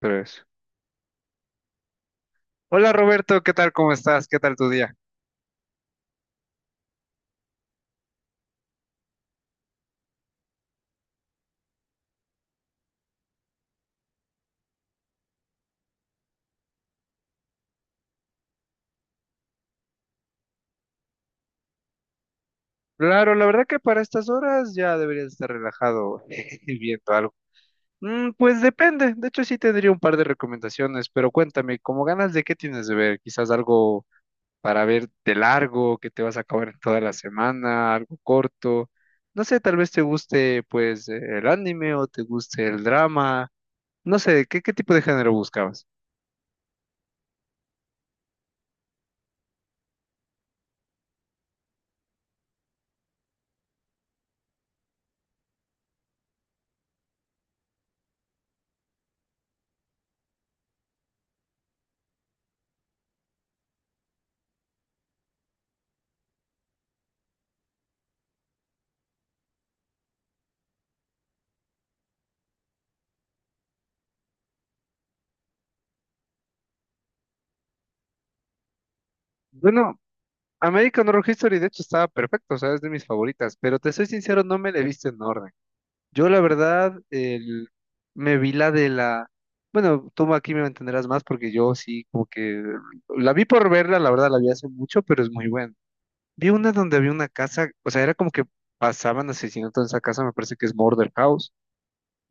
Tres. Hola Roberto, ¿qué tal? ¿Cómo estás? ¿Qué tal tu día? Claro, la verdad que para estas horas ya deberías estar relajado y viendo algo. Pues depende, de hecho sí tendría un par de recomendaciones, pero cuéntame, ¿cómo ganas de qué tienes de ver? Quizás algo para ver de largo, que te vas a acabar en toda la semana, algo corto. No sé, tal vez te guste pues el anime o te guste el drama. No sé, ¿qué tipo de género buscabas? Bueno, American Horror History, de hecho, estaba perfecto, o sea, es de mis favoritas, pero te soy sincero, no me la he visto en orden. Yo, la verdad, me vi la de la... Bueno, tú aquí me entenderás más porque yo sí, como que la vi por verla, la verdad, la vi hace mucho, pero es muy buena. Vi una donde había una casa, o sea, era como que pasaban asesinatos en esa casa, me parece que es Murder House.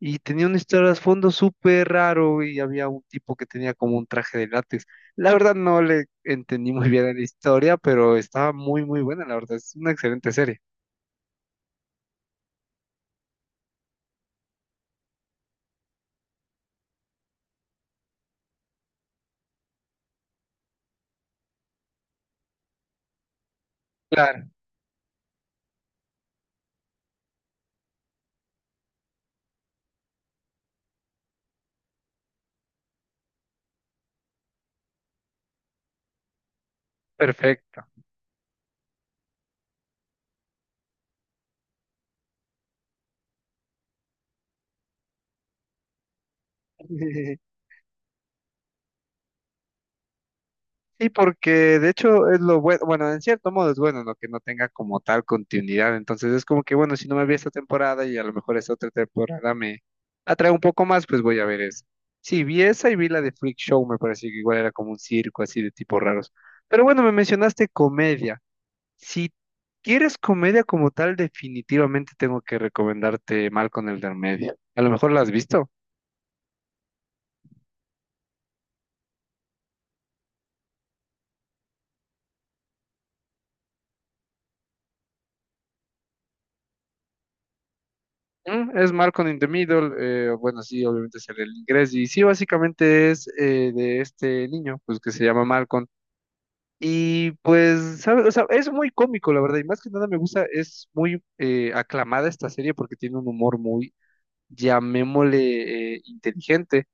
Y tenía un trasfondo súper raro y había un tipo que tenía como un traje de látex. La verdad no le entendí muy bien la historia, pero estaba muy buena, la verdad. Es una excelente serie. Claro, perfecto. Sí, porque de hecho es lo bueno, bueno, en cierto modo es bueno, ¿no? Que no tenga como tal continuidad. Entonces es como que, bueno, si no me vi esta temporada y a lo mejor esta otra temporada me atrae un poco más, pues voy a ver eso. Sí, vi esa y vi la de Freak Show, me pareció que igual era como un circo así de tipos raros. Pero bueno, me mencionaste comedia. Si quieres comedia como tal, definitivamente tengo que recomendarte Malcolm el del medio. A lo mejor la has visto. Es Malcolm in the Middle, bueno, sí, obviamente es el inglés, y sí, básicamente es de este niño, pues que se llama Malcolm, y pues, ¿sabes? O sea, es muy cómico, la verdad, y más que nada me gusta, es muy aclamada esta serie porque tiene un humor muy, llamémosle, inteligente,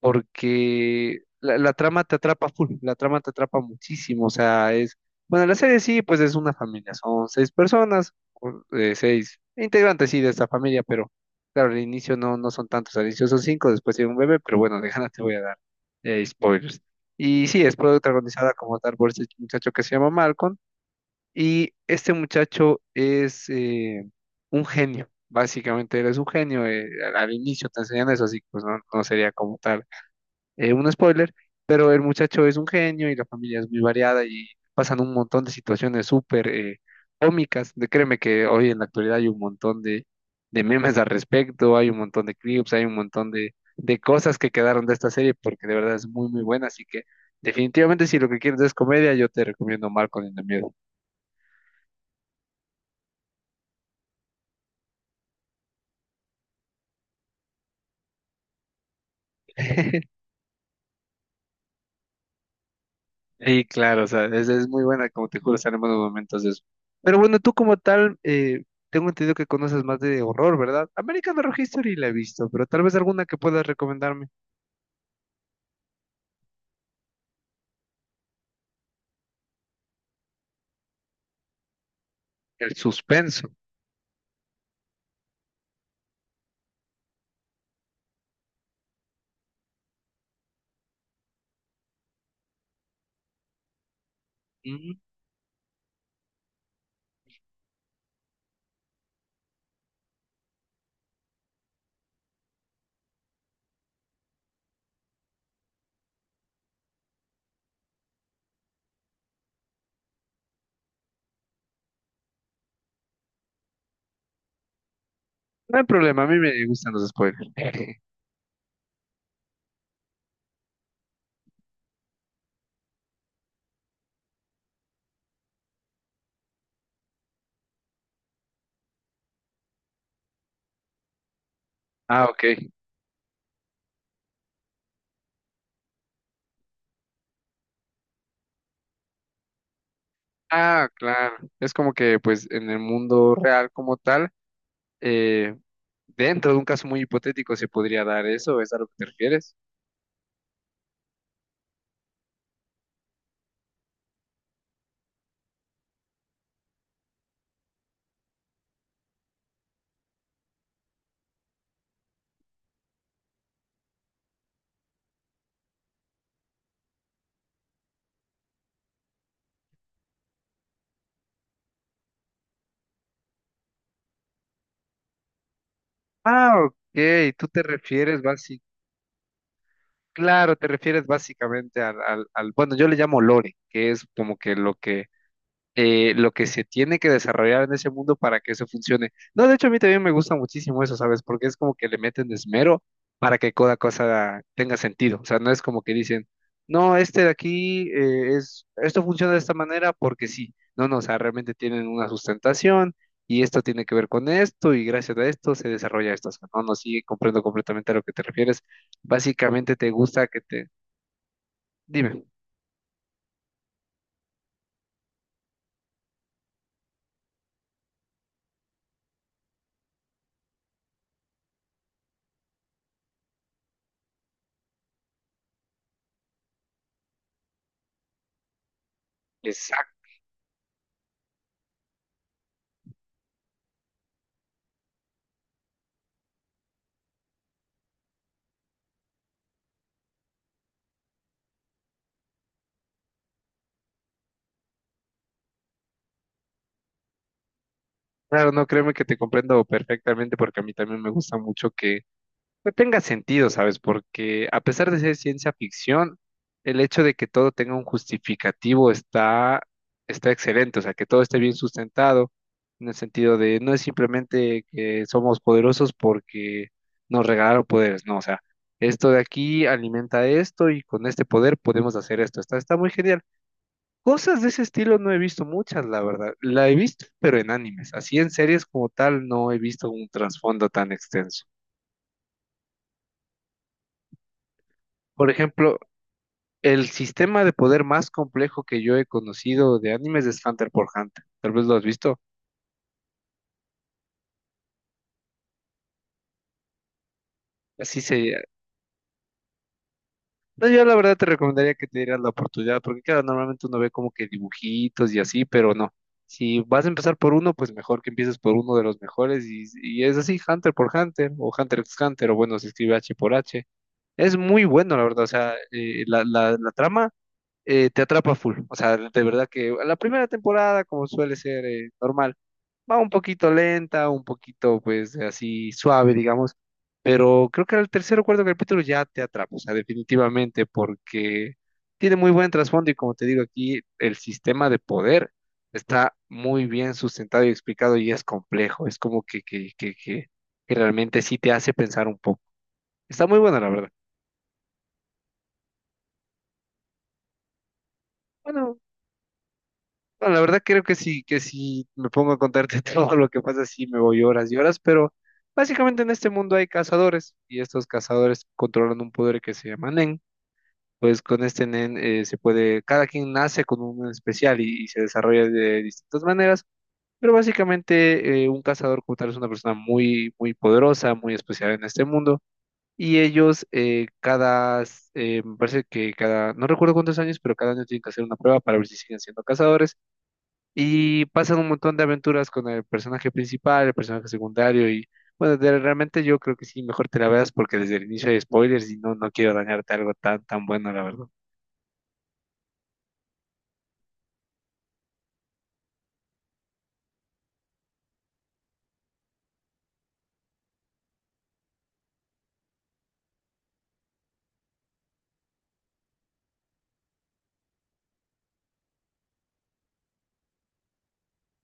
porque la trama te atrapa full, la trama te atrapa muchísimo, o sea, es, bueno, la serie sí, pues es una familia, son seis personas, o, seis integrantes sí de esta familia, pero claro, al inicio no, no son tantos, al inicio son cinco, después tiene un bebé, pero bueno, de ganas te voy a dar spoilers. Y sí, es protagonizada como tal por este muchacho que se llama Malcolm, y este muchacho es un genio. Básicamente, él es un genio, al inicio te enseñan eso, así que pues no, no sería como tal un spoiler, pero el muchacho es un genio y la familia es muy variada y pasan un montón de situaciones súper cómicas. De, créeme que hoy en la actualidad hay un montón de memes al respecto, hay un montón de clips, hay un montón de cosas que quedaron de esta serie porque de verdad es muy buena. Así que definitivamente si lo que quieres es comedia, yo te recomiendo Marco en el miedo. Y claro, o sea, es muy buena, como te juro, salen buenos momentos de eso. Pero bueno, tú como tal, tengo entendido que conoces más de horror, ¿verdad? American Horror History la he visto, pero tal vez alguna que puedas recomendarme. El suspenso. Mm, No hay problema, a mí me gustan los spoilers. Ah, ok. Ah, claro. Es como que, pues, en el mundo real como tal, eh, dentro de un caso muy hipotético se podría dar eso, ¿es a lo que te refieres? Ah, ok. Tú te refieres, básicamente. Claro, te refieres básicamente bueno, yo le llamo lore, que es como que lo que lo que se tiene que desarrollar en ese mundo para que eso funcione. No, de hecho a mí también me gusta muchísimo eso, ¿sabes? Porque es como que le meten esmero para que cada cosa tenga sentido. O sea, no es como que dicen, no, este de aquí es, esto funciona de esta manera porque sí. No, no, o sea, realmente tienen una sustentación y esto tiene que ver con esto y gracias a esto se desarrolla esto. O sea, no, no, sí, comprendo completamente a lo que te refieres. Básicamente te gusta que te... Dime. Claro, no, créeme que te comprendo perfectamente porque a mí también me gusta mucho que pues, tenga sentido, ¿sabes? Porque a pesar de ser ciencia ficción, el hecho de que todo tenga un justificativo está, está excelente, o sea, que todo esté bien sustentado en el sentido de no es simplemente que somos poderosos porque nos regalaron poderes, no, o sea, esto de aquí alimenta esto y con este poder podemos hacer esto, está, está muy genial. Cosas de ese estilo no he visto muchas, la verdad. La he visto, pero en animes. Así en series como tal no he visto un trasfondo tan extenso. Por ejemplo, el sistema de poder más complejo que yo he conocido de animes es Hunter por Hunter. Tal vez lo has visto. Así sería. No, yo la verdad te recomendaría que te dieras la oportunidad, porque claro, normalmente uno ve como que dibujitos y así, pero no. Si vas a empezar por uno, pues mejor que empieces por uno de los mejores y es así, Hunter por Hunter o Hunter x Hunter o bueno, se escribe H por H. Es muy bueno, la verdad. O sea, la trama te atrapa full. O sea, de verdad que la primera temporada, como suele ser normal, va un poquito lenta, un poquito, pues, así suave, digamos. Pero creo que al tercer o cuarto capítulo ya te atrapa. O sea, definitivamente, porque tiene muy buen trasfondo y como te digo aquí, el sistema de poder está muy bien sustentado y explicado y es complejo. Es como que realmente sí te hace pensar un poco. Está muy bueno la verdad. Bueno, Bueno, la verdad creo que sí, que si me pongo a contarte todo lo que pasa, sí me voy horas y horas, pero básicamente en este mundo hay cazadores y estos cazadores controlan un poder que se llama Nen. Pues con este Nen se puede, cada quien nace con un Nen especial y se desarrolla de distintas maneras, pero básicamente un cazador como tal es una persona muy poderosa, muy especial en este mundo. Y ellos eh, me parece que cada, no recuerdo cuántos años, pero cada año tienen que hacer una prueba para ver si siguen siendo cazadores y pasan un montón de aventuras con el personaje principal, el personaje secundario y bueno, realmente yo creo que sí, mejor te la veas porque desde el inicio hay spoilers y no, no quiero dañarte algo tan, tan bueno, la verdad.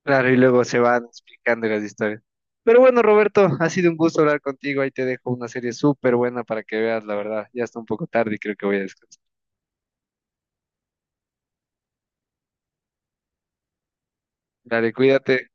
Claro, y luego se van explicando las historias. Pero bueno, Roberto, ha sido un gusto hablar contigo. Ahí te dejo una serie súper buena para que veas, la verdad. Ya está un poco tarde y creo que voy a descansar. Dale, cuídate.